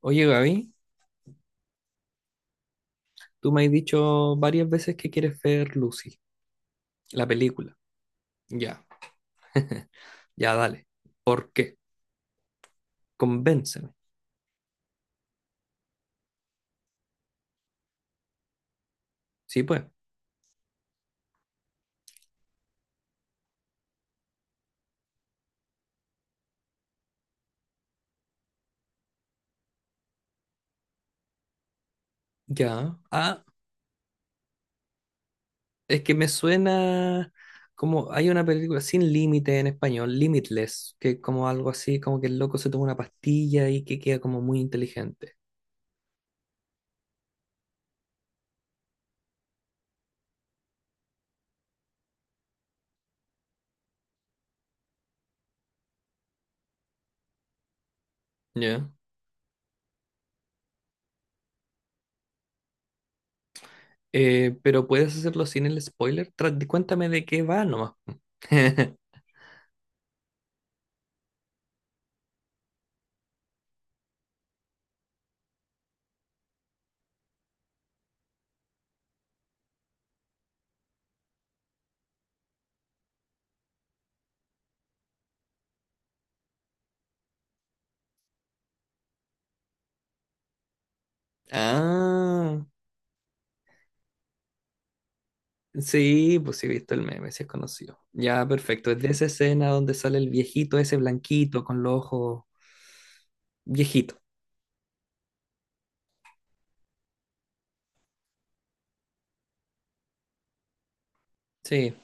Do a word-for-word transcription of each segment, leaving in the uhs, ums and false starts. Oye, Gaby, tú me has dicho varias veces que quieres ver Lucy, la película. Ya, ya, dale. ¿Por qué? Convénceme. Sí, pues. Ya. Ah, es que me suena como hay una película sin límite en español, Limitless, que es como algo así, como que el loco se toma una pastilla y que queda como muy inteligente. Ya. Eh, pero puedes hacerlo sin el spoiler. Tra- cuéntame de qué va nomás. Ah. Sí, pues sí he visto el meme, sí es conocido. Ya, perfecto. Es de esa escena donde sale el viejito ese blanquito con los ojos. Viejito, sí.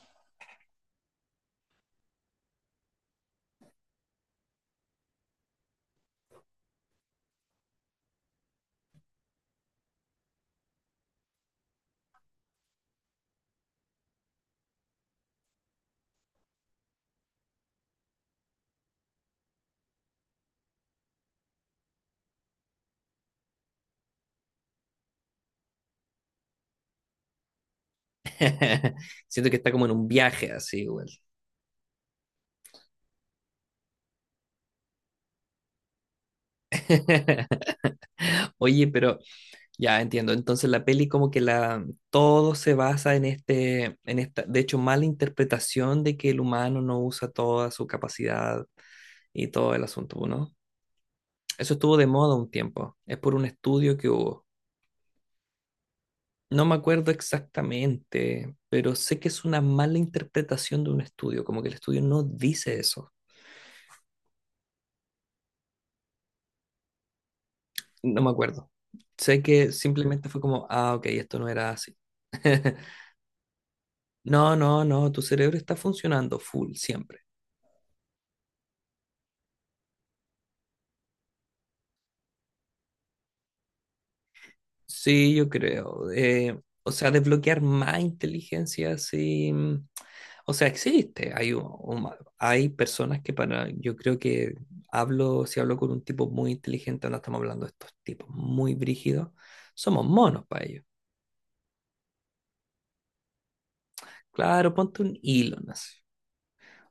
Siento que está como en un viaje así, igual. Oye, pero ya entiendo. Entonces la peli como que la todo se basa en este, en esta, de hecho, mala interpretación de que el humano no usa toda su capacidad y todo el asunto, ¿no? Eso estuvo de moda un tiempo. Es por un estudio que hubo. No me acuerdo exactamente, pero sé que es una mala interpretación de un estudio, como que el estudio no dice eso. No me acuerdo. Sé que simplemente fue como, ah, ok, esto no era así. No, no, no, tu cerebro está funcionando full siempre. Sí, yo creo. Eh, o sea, desbloquear más inteligencia, sí. mm, O sea, existe. Hay, u- uma- hay personas que para, yo creo que hablo, si hablo con un tipo muy inteligente, no estamos hablando de estos tipos muy brígidos, somos monos para ellos. Claro, ponte un Elon así.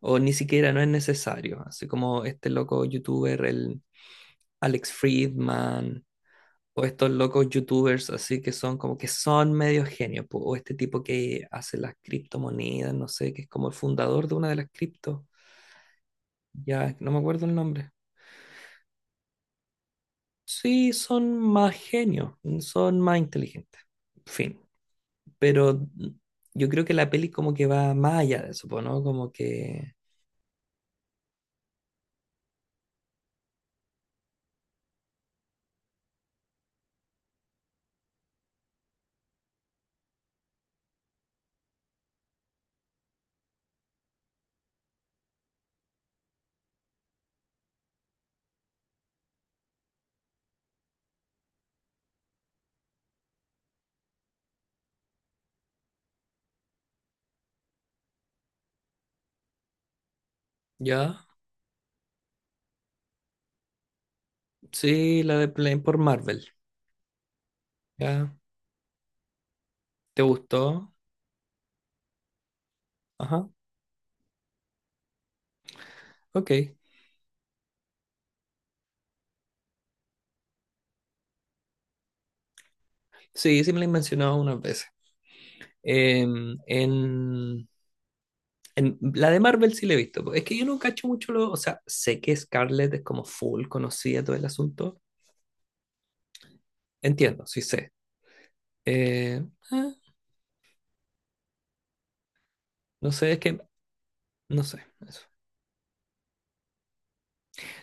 O ni siquiera no es necesario. Así como este loco youtuber, el Alex Friedman, o estos locos youtubers así que son como que son medio genios, po, o este tipo que hace las criptomonedas, no sé, que es como el fundador de una de las criptos, ya no me acuerdo el nombre. Sí, son más genios, mm, son más inteligentes, fin. Pero yo creo que la peli como que va más allá de eso, po, ¿no? Como que, ya, sí, la de Plane por Marvel, ya, ¿te gustó? Ajá, ok. Sí, sí me la he mencionado unas veces. Em, en en- la de Marvel sí la he visto. Po. Es que yo no cacho mucho lo. O sea, sé que Scarlett es como full conocida todo el asunto. Entiendo, sí sé. Eh, ah, no sé, es que. No sé. Eso.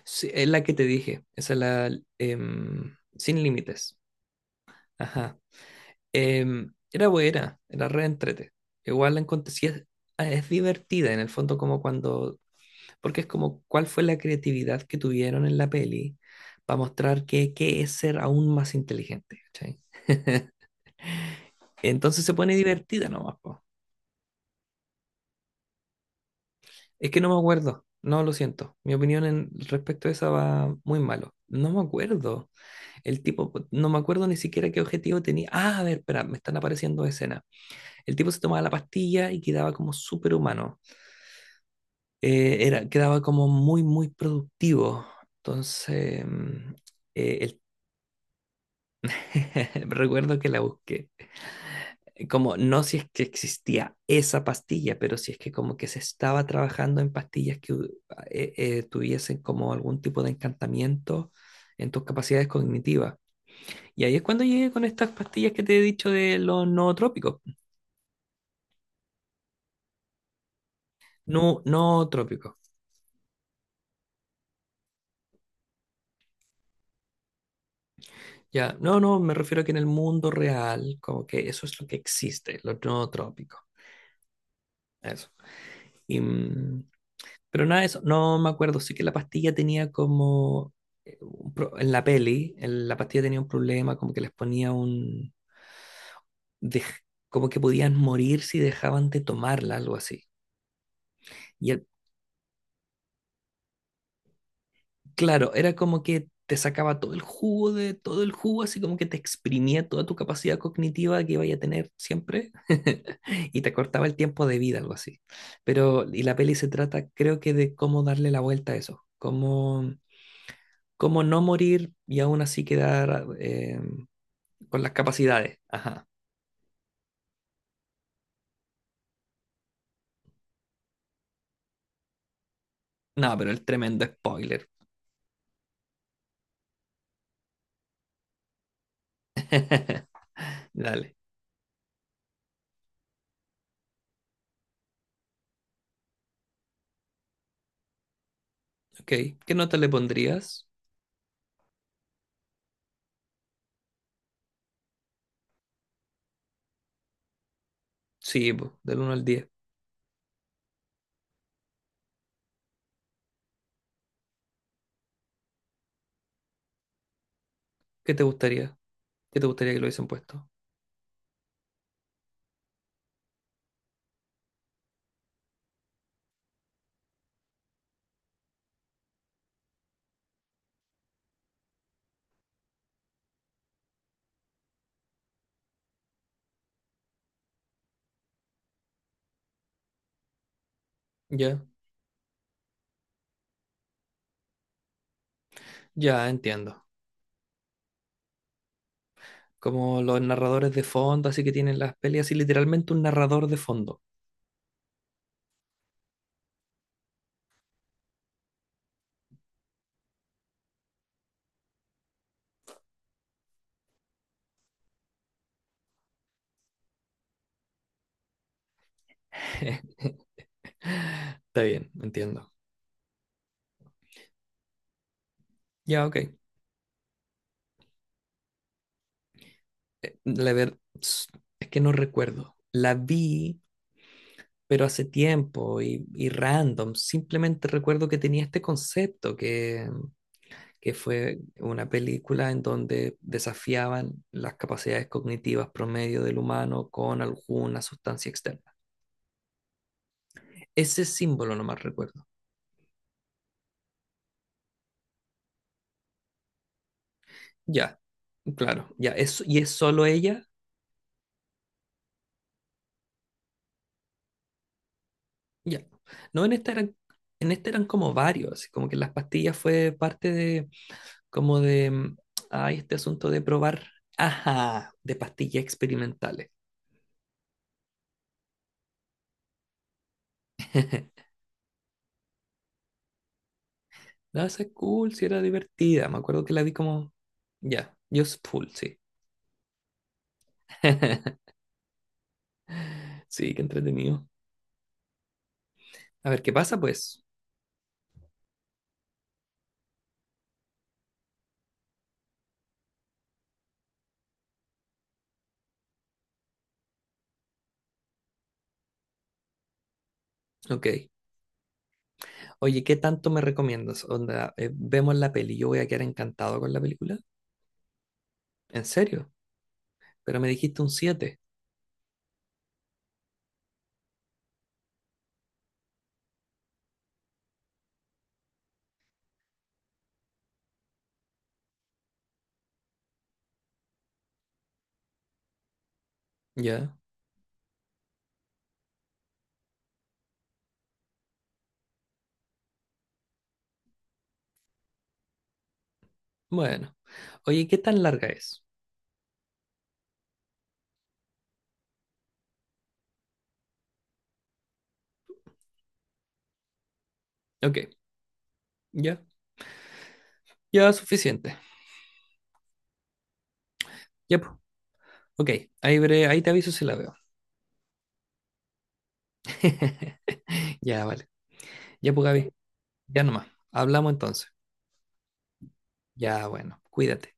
Sí, es la que te dije. Esa es la. em, Sin límites. Ajá. Em, era buena. Era re entrete. Igual la encontré. Sí, es, ah, es divertida en el fondo, como cuando. Porque es como cuál fue la creatividad que tuvieron en la peli para mostrar que, qué es ser aún más inteligente. ¿Cachai? Entonces se pone divertida nomás, po. Es que no me acuerdo. No, lo siento. Mi opinión en respecto a esa va muy malo. No me acuerdo. El tipo, no me acuerdo ni siquiera qué objetivo tenía. Ah, a ver, espera, me están apareciendo escenas. El tipo se tomaba la pastilla y quedaba como superhumano. Eh, era, quedaba como muy, muy productivo. Entonces, mm, eh, el- recuerdo que la busqué. Eh, como no si es que existía esa pastilla, pero si es que como que se estaba trabajando en pastillas que u- ah, eh, eh, tuviesen como algún tipo de encantamiento en tus capacidades cognitivas. Y ahí es cuando llegué con estas pastillas que te he dicho de los nootrópicos. No, nootrópicos. Ya, no, no, me refiero a que en el mundo real, como que eso es lo que existe, los nootrópicos. Eso. Y, mm, pero nada de eso, no me acuerdo. Sí que la pastilla tenía como. eh, un pro- En la peli, en la pastilla tenía un problema, como que les ponía un. dej- Como que podían morir si dejaban de tomarla, algo así. Y el- claro, era como que te sacaba todo el jugo de todo el jugo, así como que te exprimía toda tu capacidad cognitiva que iba a tener siempre y te cortaba el tiempo de vida, algo así. Pero, y la peli se trata, creo que, de cómo darle la vuelta a eso, cómo cómo no morir y aún así quedar eh, con las capacidades. Ajá. No, pero el tremendo spoiler. Dale. Ok. ¿Qué nota le pondrías? Sí, po, del uno al diez. ¿Qué te gustaría? ¿Qué te gustaría que lo hubiesen puesto? Ya, ya entiendo. Como los narradores de fondo, así que tienen las peleas y literalmente un narrador de fondo. Está bien, entiendo. Ya, ok. Eh, La ver... Es que no recuerdo. La vi pero hace tiempo y, y random. Simplemente recuerdo que tenía este concepto que, que fue una película en donde desafiaban las capacidades cognitivas promedio del humano con alguna sustancia externa. Ese símbolo nomás recuerdo. Ya, claro, ya, es, y es solo ella, ya. No, en esta eran, en esta eran como varios, así como que las pastillas fue parte de, como de, mm, ay, este asunto de probar, ajá, de pastillas experimentales. No, esa es cool, sí era divertida. Me acuerdo que la vi como. Ya, Just Full, sí. Sí, qué entretenido. A ver qué pasa, pues. Ok. Oye, ¿qué tanto me recomiendas? Onda, eh, vemos la peli. Yo voy a quedar encantado con la película. ¿En serio? Pero me dijiste un siete. Ya. Bueno. Oye, ¿qué tan larga es? Ok. Ya. Ya, suficiente. Ya, pues. Ok. Ahí, veré- ahí te aviso si la veo. Ya, vale. Ya, pues, Gaby. Ya nomás. Hablamos entonces. Ya, bueno. Cuídate.